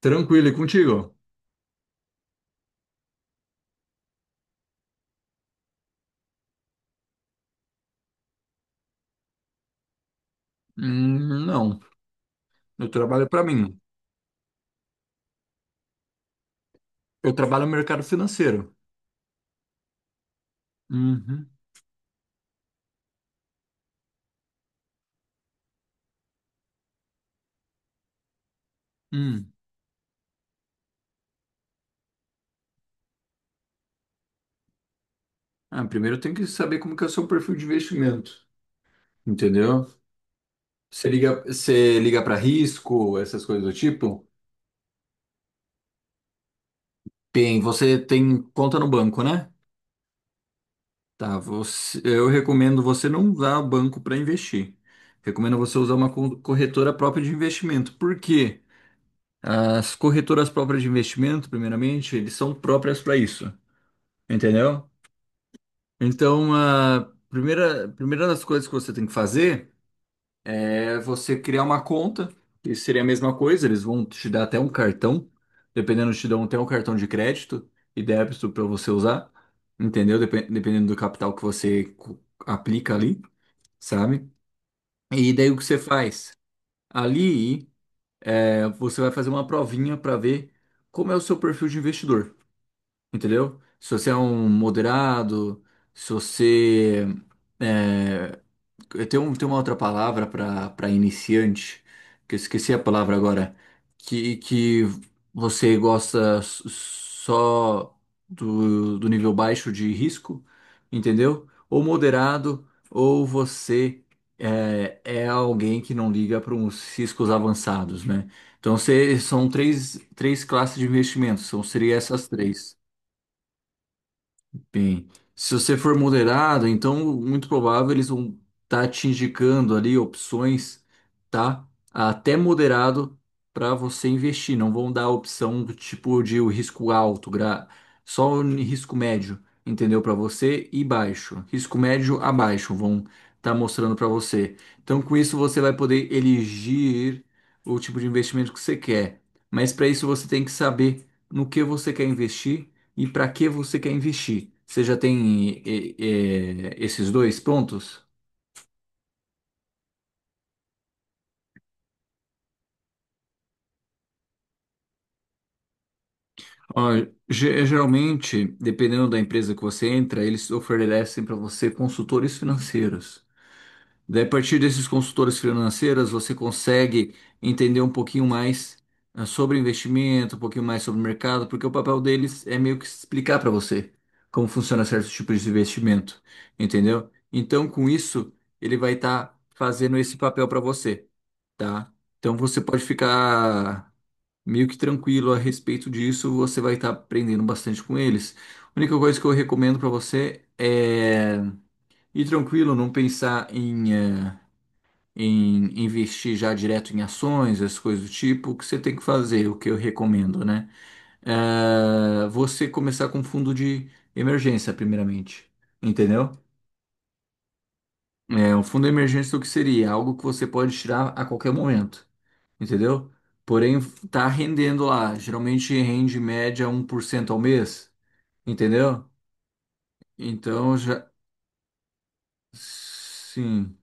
Tranquilo, e contigo? Não, eu trabalho para mim. Eu trabalho no mercado financeiro. Uhum. Hum. Ah, primeiro eu tenho que saber como que é o seu perfil de investimento, entendeu? Você liga para risco, essas coisas do tipo? Bem, você tem conta no banco, né? Tá, eu recomendo você não usar banco para investir. Recomendo você usar uma corretora própria de investimento. Por quê? As corretoras próprias de investimento, primeiramente, eles são próprias para isso, entendeu? Então, a primeira das coisas que você tem que fazer é você criar uma conta, que seria a mesma coisa, eles vão te dar até um cartão, dependendo, te dão até um cartão de crédito e débito para você usar, entendeu? Dependendo do capital que você aplica ali, sabe? E daí o que você faz? Ali, é, você vai fazer uma provinha para ver como é o seu perfil de investidor, entendeu? Se você é um moderado, se você é, tem uma outra palavra para iniciante, que eu esqueci a palavra agora, que você gosta só do nível baixo de risco, entendeu? Ou moderado, ou você é alguém que não liga para uns riscos avançados, né? Então, você, são três classes de investimentos, são, seria essas três. Bem, se você for moderado, então muito provável eles vão estar te indicando ali opções, tá? Até moderado para você investir. Não vão dar a opção do tipo de o risco alto, gra... só o risco médio, entendeu? Para você e baixo. Risco médio abaixo vão estar mostrando para você. Então, com isso você vai poder elegir o tipo de investimento que você quer. Mas para isso você tem que saber no que você quer investir e para que você quer investir? Você já tem esses dois prontos? Ó, geralmente, dependendo da empresa que você entra, eles oferecem para você consultores financeiros. Daí, a partir desses consultores financeiros, você consegue entender um pouquinho mais sobre investimento, um pouquinho mais sobre o mercado, porque o papel deles é meio que explicar para você como funciona certos tipos de investimento, entendeu? Então, com isso, ele vai estar fazendo esse papel para você. Tá? Então você pode ficar meio que tranquilo a respeito disso, você vai estar aprendendo bastante com eles. A única coisa que eu recomendo para você é ir tranquilo, não pensar em investir já direto em ações, as coisas do tipo, o que você tem que fazer, o que eu recomendo, né? É você começar com fundo de emergência, primeiramente, entendeu? É, um fundo de emergência, o que seria? Algo que você pode tirar a qualquer momento. Entendeu? Porém, tá rendendo lá. Geralmente rende em média 1% ao mês, entendeu? Então já. Sim.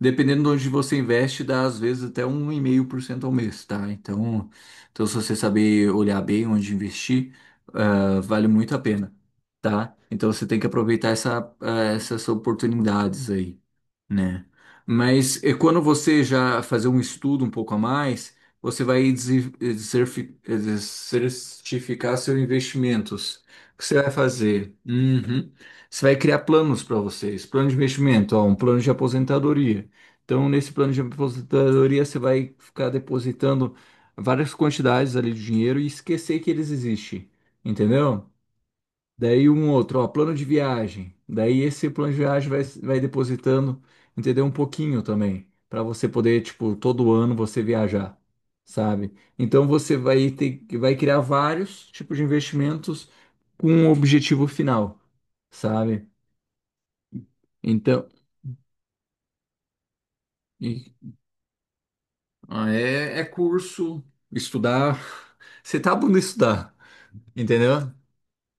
Dependendo de onde você investe, dá às vezes até 1,5% ao mês, tá? Então, se você saber olhar bem onde investir, vale muito a pena, tá? Então, você tem que aproveitar essas oportunidades aí. Né? Mas é quando você já fazer um estudo um pouco a mais, você vai certificar seus investimentos. O que você vai fazer? Uhum. Você vai criar planos para vocês. Plano de investimento, ó, um plano de aposentadoria. Então, nesse plano de aposentadoria, você vai ficar depositando várias quantidades ali de dinheiro e esquecer que eles existem. Entendeu? Daí um outro, ó, plano de viagem. Daí esse plano de viagem vai depositando, entendeu? Um pouquinho também, para você poder, tipo, todo ano você viajar, sabe? Então você vai ter, vai criar vários tipos de investimentos com um objetivo final, sabe? Então, e- é curso, estudar, sentar a bunda e estudar, entendeu?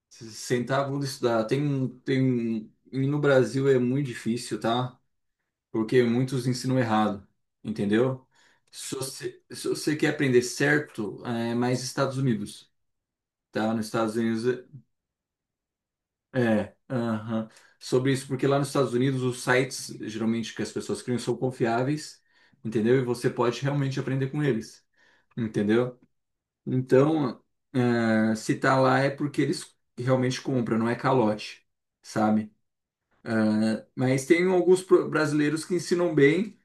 Sentar a bunda e estudar. E no Brasil é muito difícil, tá? Porque muitos ensinam errado, entendeu? Se você quer aprender certo, é mais Estados Unidos, tá? Nos Estados Unidos, é, aham. Sobre isso, porque lá nos Estados Unidos os sites geralmente que as pessoas criam são confiáveis, entendeu? E você pode realmente aprender com eles, entendeu? Então, é, se tá lá é porque eles realmente compram, não é calote, sabe? É, mas tem alguns brasileiros que ensinam bem,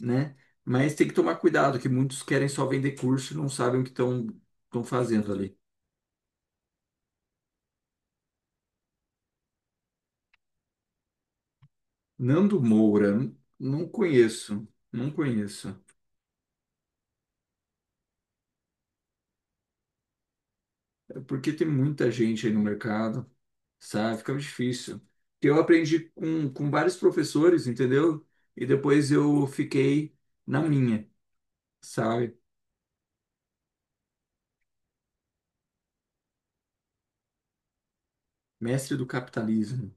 né? Mas tem que tomar cuidado, que muitos querem só vender curso e não sabem o que estão fazendo ali. Nando Moura, não conheço, não conheço. É porque tem muita gente aí no mercado, sabe? Fica difícil. Eu aprendi com vários professores, entendeu? E depois eu fiquei na minha, sabe? Mestre do capitalismo.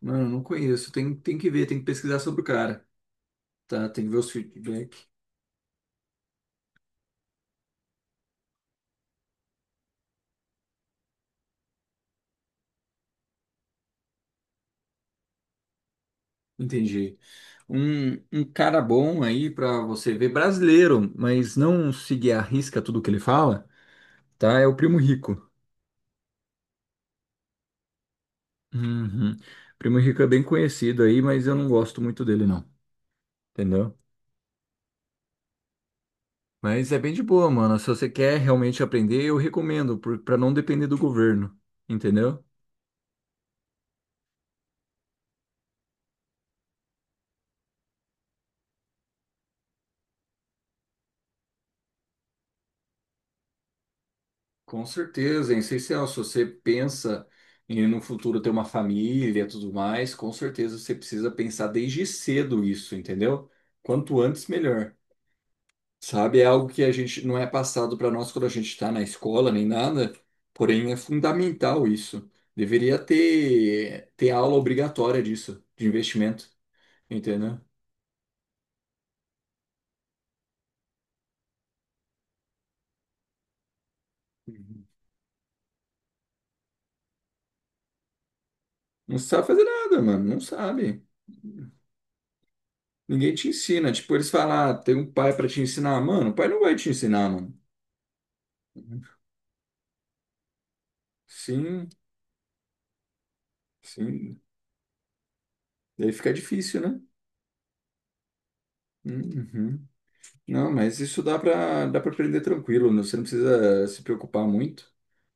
Mano, não conheço. Tem que ver, tem que pesquisar sobre o cara, tá? Tem que ver os feedback. Entendi. Um cara bom aí pra você ver, brasileiro, mas não seguir à risca tudo que ele fala, tá? É o Primo Rico. Uhum. Primo Rico é bem conhecido aí, mas eu não gosto muito dele, não. Entendeu? Mas é bem de boa, mano. Se você quer realmente aprender, eu recomendo, pra não depender do governo. Entendeu? Com certeza, é essencial. Se você pensa em no futuro ter uma família e tudo mais, com certeza você precisa pensar desde cedo isso, entendeu? Quanto antes, melhor. Sabe, é algo que a gente não é passado para nós quando a gente está na escola nem nada, porém é fundamental isso. Deveria ter aula obrigatória disso, de investimento, entendeu? Uhum. Não sabe fazer nada, mano, não sabe. Ninguém te ensina. Tipo, eles falam, ah, tem um pai para te ensinar. Mano, o pai não vai te ensinar, mano. Uhum. Sim, sim. Daí fica difícil, né? Uhum. Não, mas isso dá para aprender tranquilo, né? Você não precisa se preocupar muito.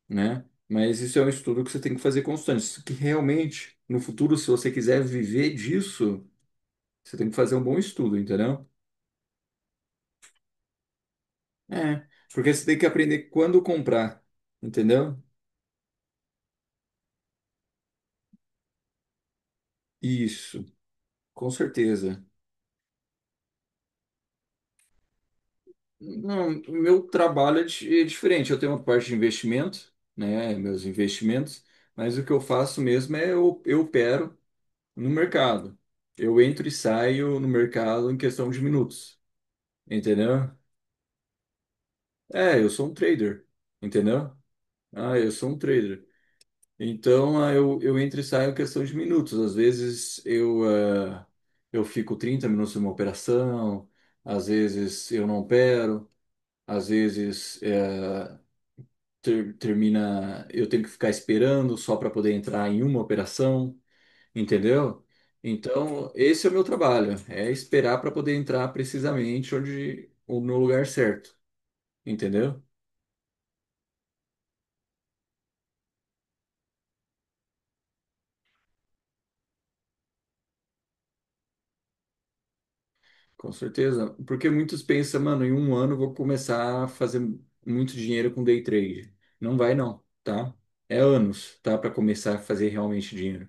Né? Mas isso é um estudo que você tem que fazer constante. Isso. Que realmente, no futuro, se você quiser viver disso, você tem que fazer um bom estudo, entendeu? É, porque você tem que aprender quando comprar, entendeu? Isso, com certeza. Não, o meu trabalho é é diferente. Eu tenho uma parte de investimento, né? Meus investimentos, mas o que eu faço mesmo é eu opero no mercado. Eu entro e saio no mercado em questão de minutos, entendeu? É, eu sou um trader, entendeu? Ah, eu sou um trader. Então, ah, eu entro e saio em questão de minutos. Às vezes eh, eu fico 30 minutos numa operação, às vezes eu não opero, às vezes termina, eu tenho que ficar esperando só para poder entrar em uma operação, entendeu? Então, esse é o meu trabalho, é esperar para poder entrar precisamente onde, no lugar certo, entendeu? Com certeza, porque muitos pensam, mano, em um ano eu vou começar a fazer muito dinheiro com day trade. Não vai não, tá? É anos, tá? Para começar a fazer realmente dinheiro,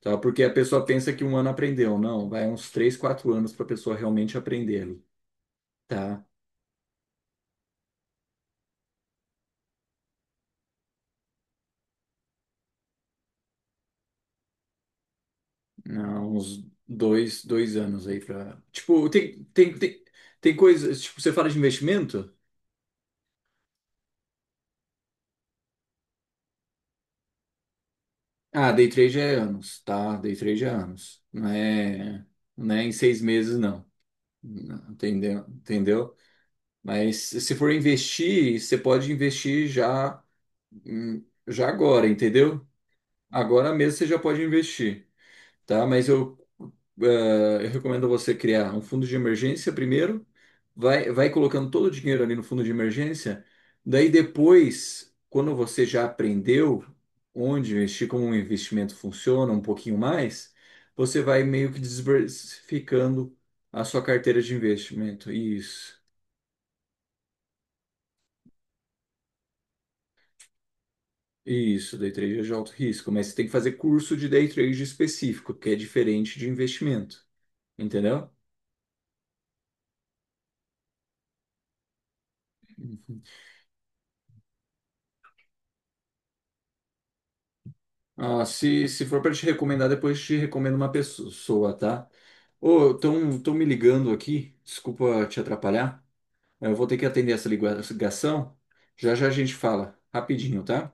tá? Porque a pessoa pensa que um ano aprendeu. Não, vai uns 3 4 anos para a pessoa realmente aprender, tá? Não, uns dois anos aí para... Tipo, tem coisas... Tipo, você fala de investimento? Ah, day trade é anos, tá? Day trade é anos. Não é em 6 meses, não. Entendeu? Entendeu? Mas se for investir, você pode investir já, já agora, entendeu? Agora mesmo você já pode investir, tá? Mas eu recomendo você criar um fundo de emergência primeiro, vai colocando todo o dinheiro ali no fundo de emergência, daí depois, quando você já aprendeu onde investir, como um investimento funciona, um pouquinho mais, você vai meio que diversificando a sua carteira de investimento. Isso. Isso, day trade é de alto risco, mas você tem que fazer curso de day trade específico, que é diferente de investimento, entendeu? Ah, se for para te recomendar, depois te recomendo uma pessoa, tá? Ô, estão tão me ligando aqui. Desculpa te atrapalhar. Eu vou ter que atender essa ligação. Já já a gente fala. Rapidinho, tá?